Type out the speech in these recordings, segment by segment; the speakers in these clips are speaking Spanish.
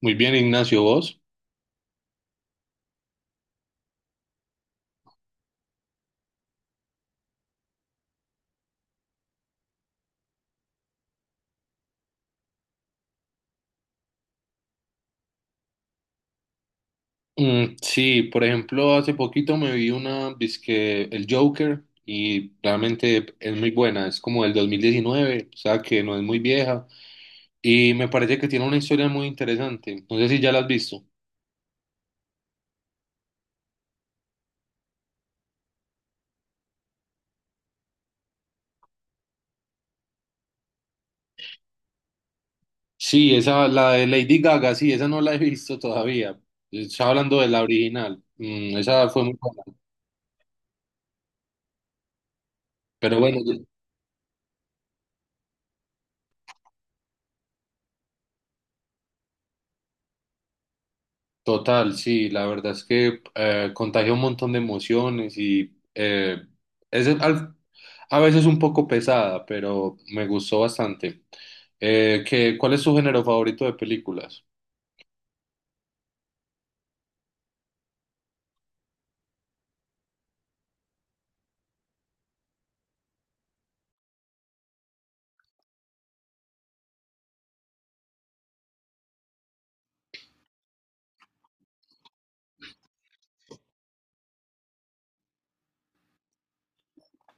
Muy bien, Ignacio, ¿vos? Mm, sí, por ejemplo, hace poquito me vi una, dizque el Joker, y realmente es muy buena, es como del 2019, o sea que no es muy vieja, y me parece que tiene una historia muy interesante. No sé si ya la has visto. Sí, esa, la de Lady Gaga, sí, esa no la he visto todavía, estaba hablando de la original. Mm, esa fue muy buena, pero bueno. Total, sí, la verdad es que contagia un montón de emociones y es al- a veces un poco pesada, pero me gustó bastante. ¿Cuál es tu género favorito de películas?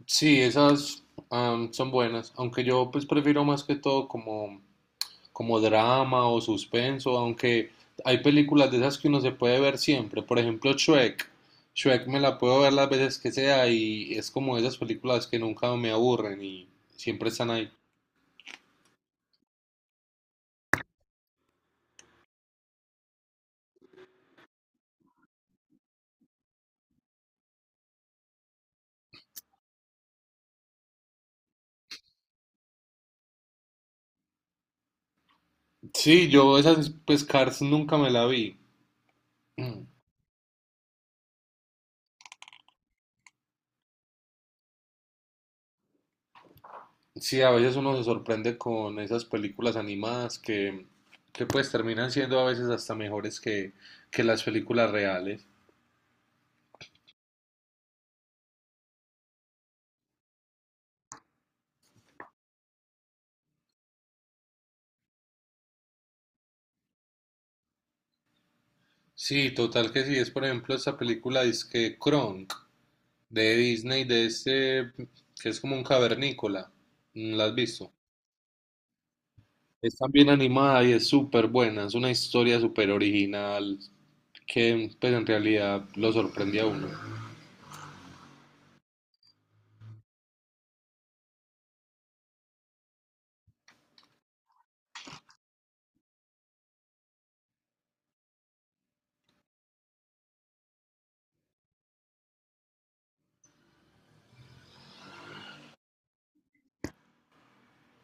Sí, esas son buenas, aunque yo pues prefiero más que todo como, como drama o suspenso, aunque hay películas de esas que uno se puede ver siempre, por ejemplo Shrek. Shrek me la puedo ver las veces que sea y es como esas películas que nunca me aburren y siempre están ahí. Sí, yo esas pues Cars nunca me la vi. Mm. Sí, a veces uno se sorprende con esas películas animadas que pues terminan siendo a veces hasta mejores que las películas reales. Sí, total que sí, es por ejemplo esta película que Kronk de Disney, de este que es como un cavernícola. Mm, ¿la has visto? Es también animada y es súper buena, es una historia súper original que pues en realidad lo sorprende a uno.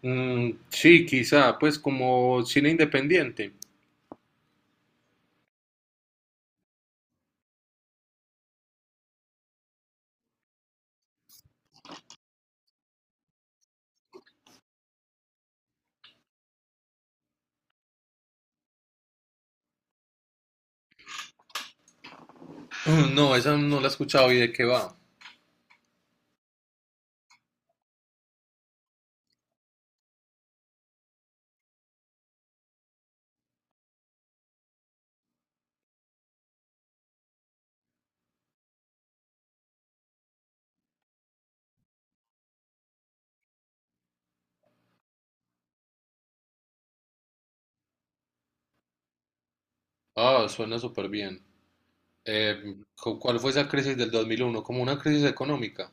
Mm, sí, quizá, pues como cine independiente. Mm, no, esa no la he escuchado y de qué va. Ah, suena súper bien. ¿Cuál fue esa crisis del 2001? Como una crisis económica.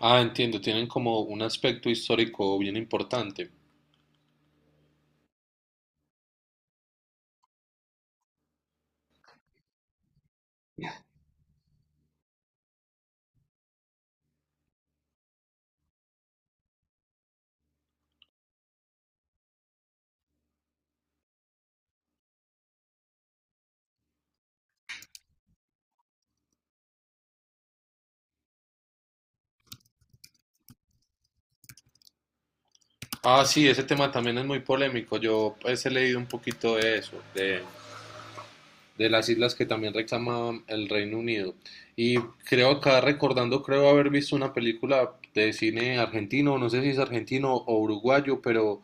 Ah, entiendo, tienen como un aspecto histórico bien importante. Ah, sí, ese tema también es muy polémico. Yo pues he leído un poquito de eso, de las islas que también reclama el Reino Unido. Y creo, acá recordando, creo haber visto una película de cine argentino, no sé si es argentino o uruguayo, pero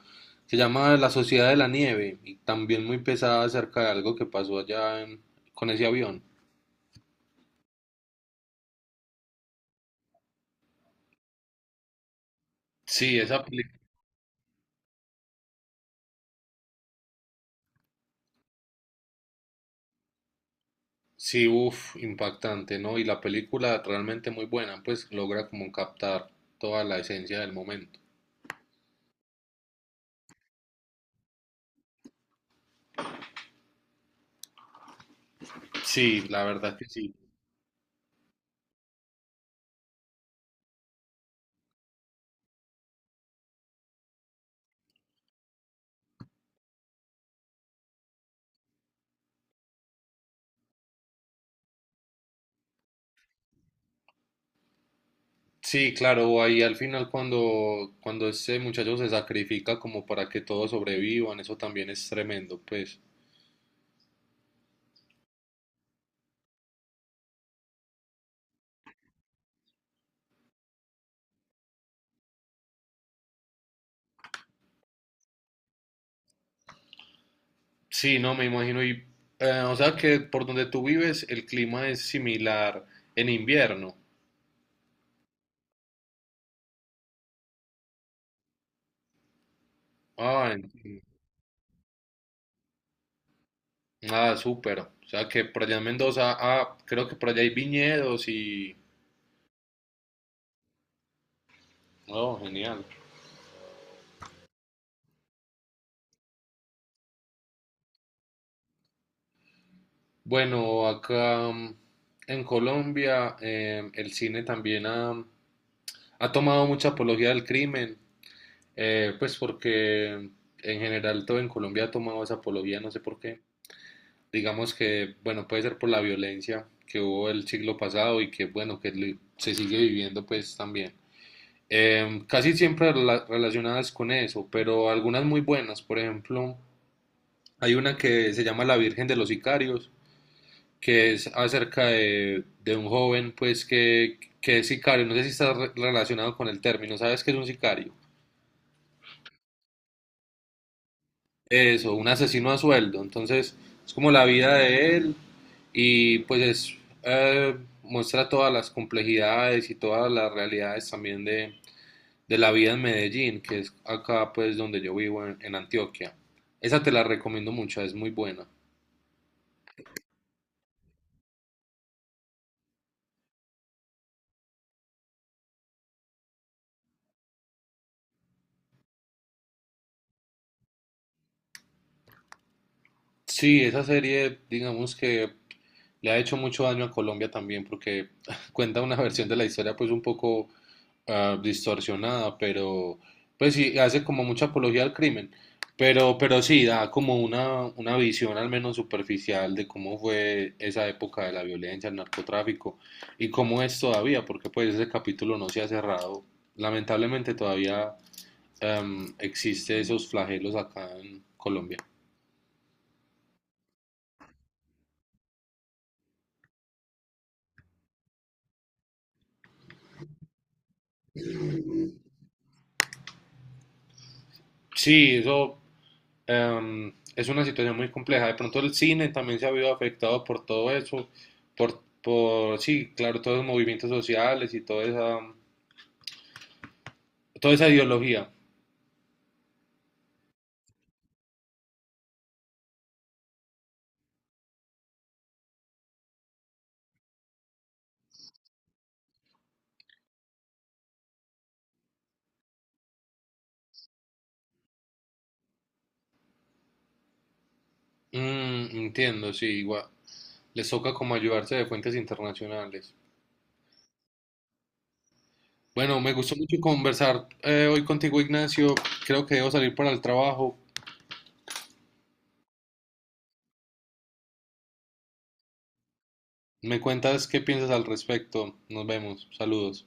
se llama La Sociedad de la Nieve y también muy pesada acerca de algo que pasó allá en- con ese avión. Sí, esa película. Sí, uff, impactante, ¿no? Y la película realmente muy buena, pues logra como captar toda la esencia del momento. Sí, la verdad que sí. Sí, claro, ahí al final cuando, cuando ese muchacho se sacrifica como para que todos sobrevivan, eso también es tremendo, pues. Sí, no, me imagino. Y, o sea que por donde tú vives el clima es similar en invierno. Ah, en- ah, súper. O sea que por allá en Mendoza, ah, creo que por allá hay viñedos y... Oh, genial. Bueno, acá mm, en Colombia el cine también ha, ha tomado mucha apología del crimen, pues porque mm, en general todo en Colombia ha tomado esa apología, no sé por qué. Digamos que, bueno, puede ser por la violencia que hubo el siglo pasado y que, bueno, se sigue viviendo pues también. Em, casi siempre relacionadas con eso, pero algunas muy buenas, por ejemplo, hay una que se llama La Virgen de los Sicarios que es acerca de un joven, pues, que es sicario. No sé si está relacionado con el término. ¿Sabes qué es un sicario? Eso, un asesino a sueldo. Entonces, es como la vida de él y pues es, eh, muestra todas las complejidades y todas las realidades también de la vida en Medellín, que es acá pues donde yo vivo en Antioquia. Esa te la recomiendo mucho, es muy buena. Sí, esa serie digamos que le ha hecho mucho daño a Colombia también porque cuenta una versión de la historia pues un poco ah, distorsionada, pero pues sí, hace como mucha apología al crimen, pero sí, da como una visión al menos superficial de cómo fue esa época de la violencia, el narcotráfico y cómo es todavía, porque pues ese capítulo no se ha cerrado. Lamentablemente todavía existe esos flagelos acá en Colombia. Sí, eso. Em, es una situación muy compleja. De pronto el cine también se ha visto afectado por todo eso, por sí, claro, todos los movimientos sociales y toda esa ideología. Mm, entiendo, sí, igual. Les toca como ayudarse de fuentes internacionales. Bueno, me gustó mucho conversar hoy contigo, Ignacio. Creo que debo salir para el trabajo. Me cuentas qué piensas al respecto. Nos vemos. Saludos.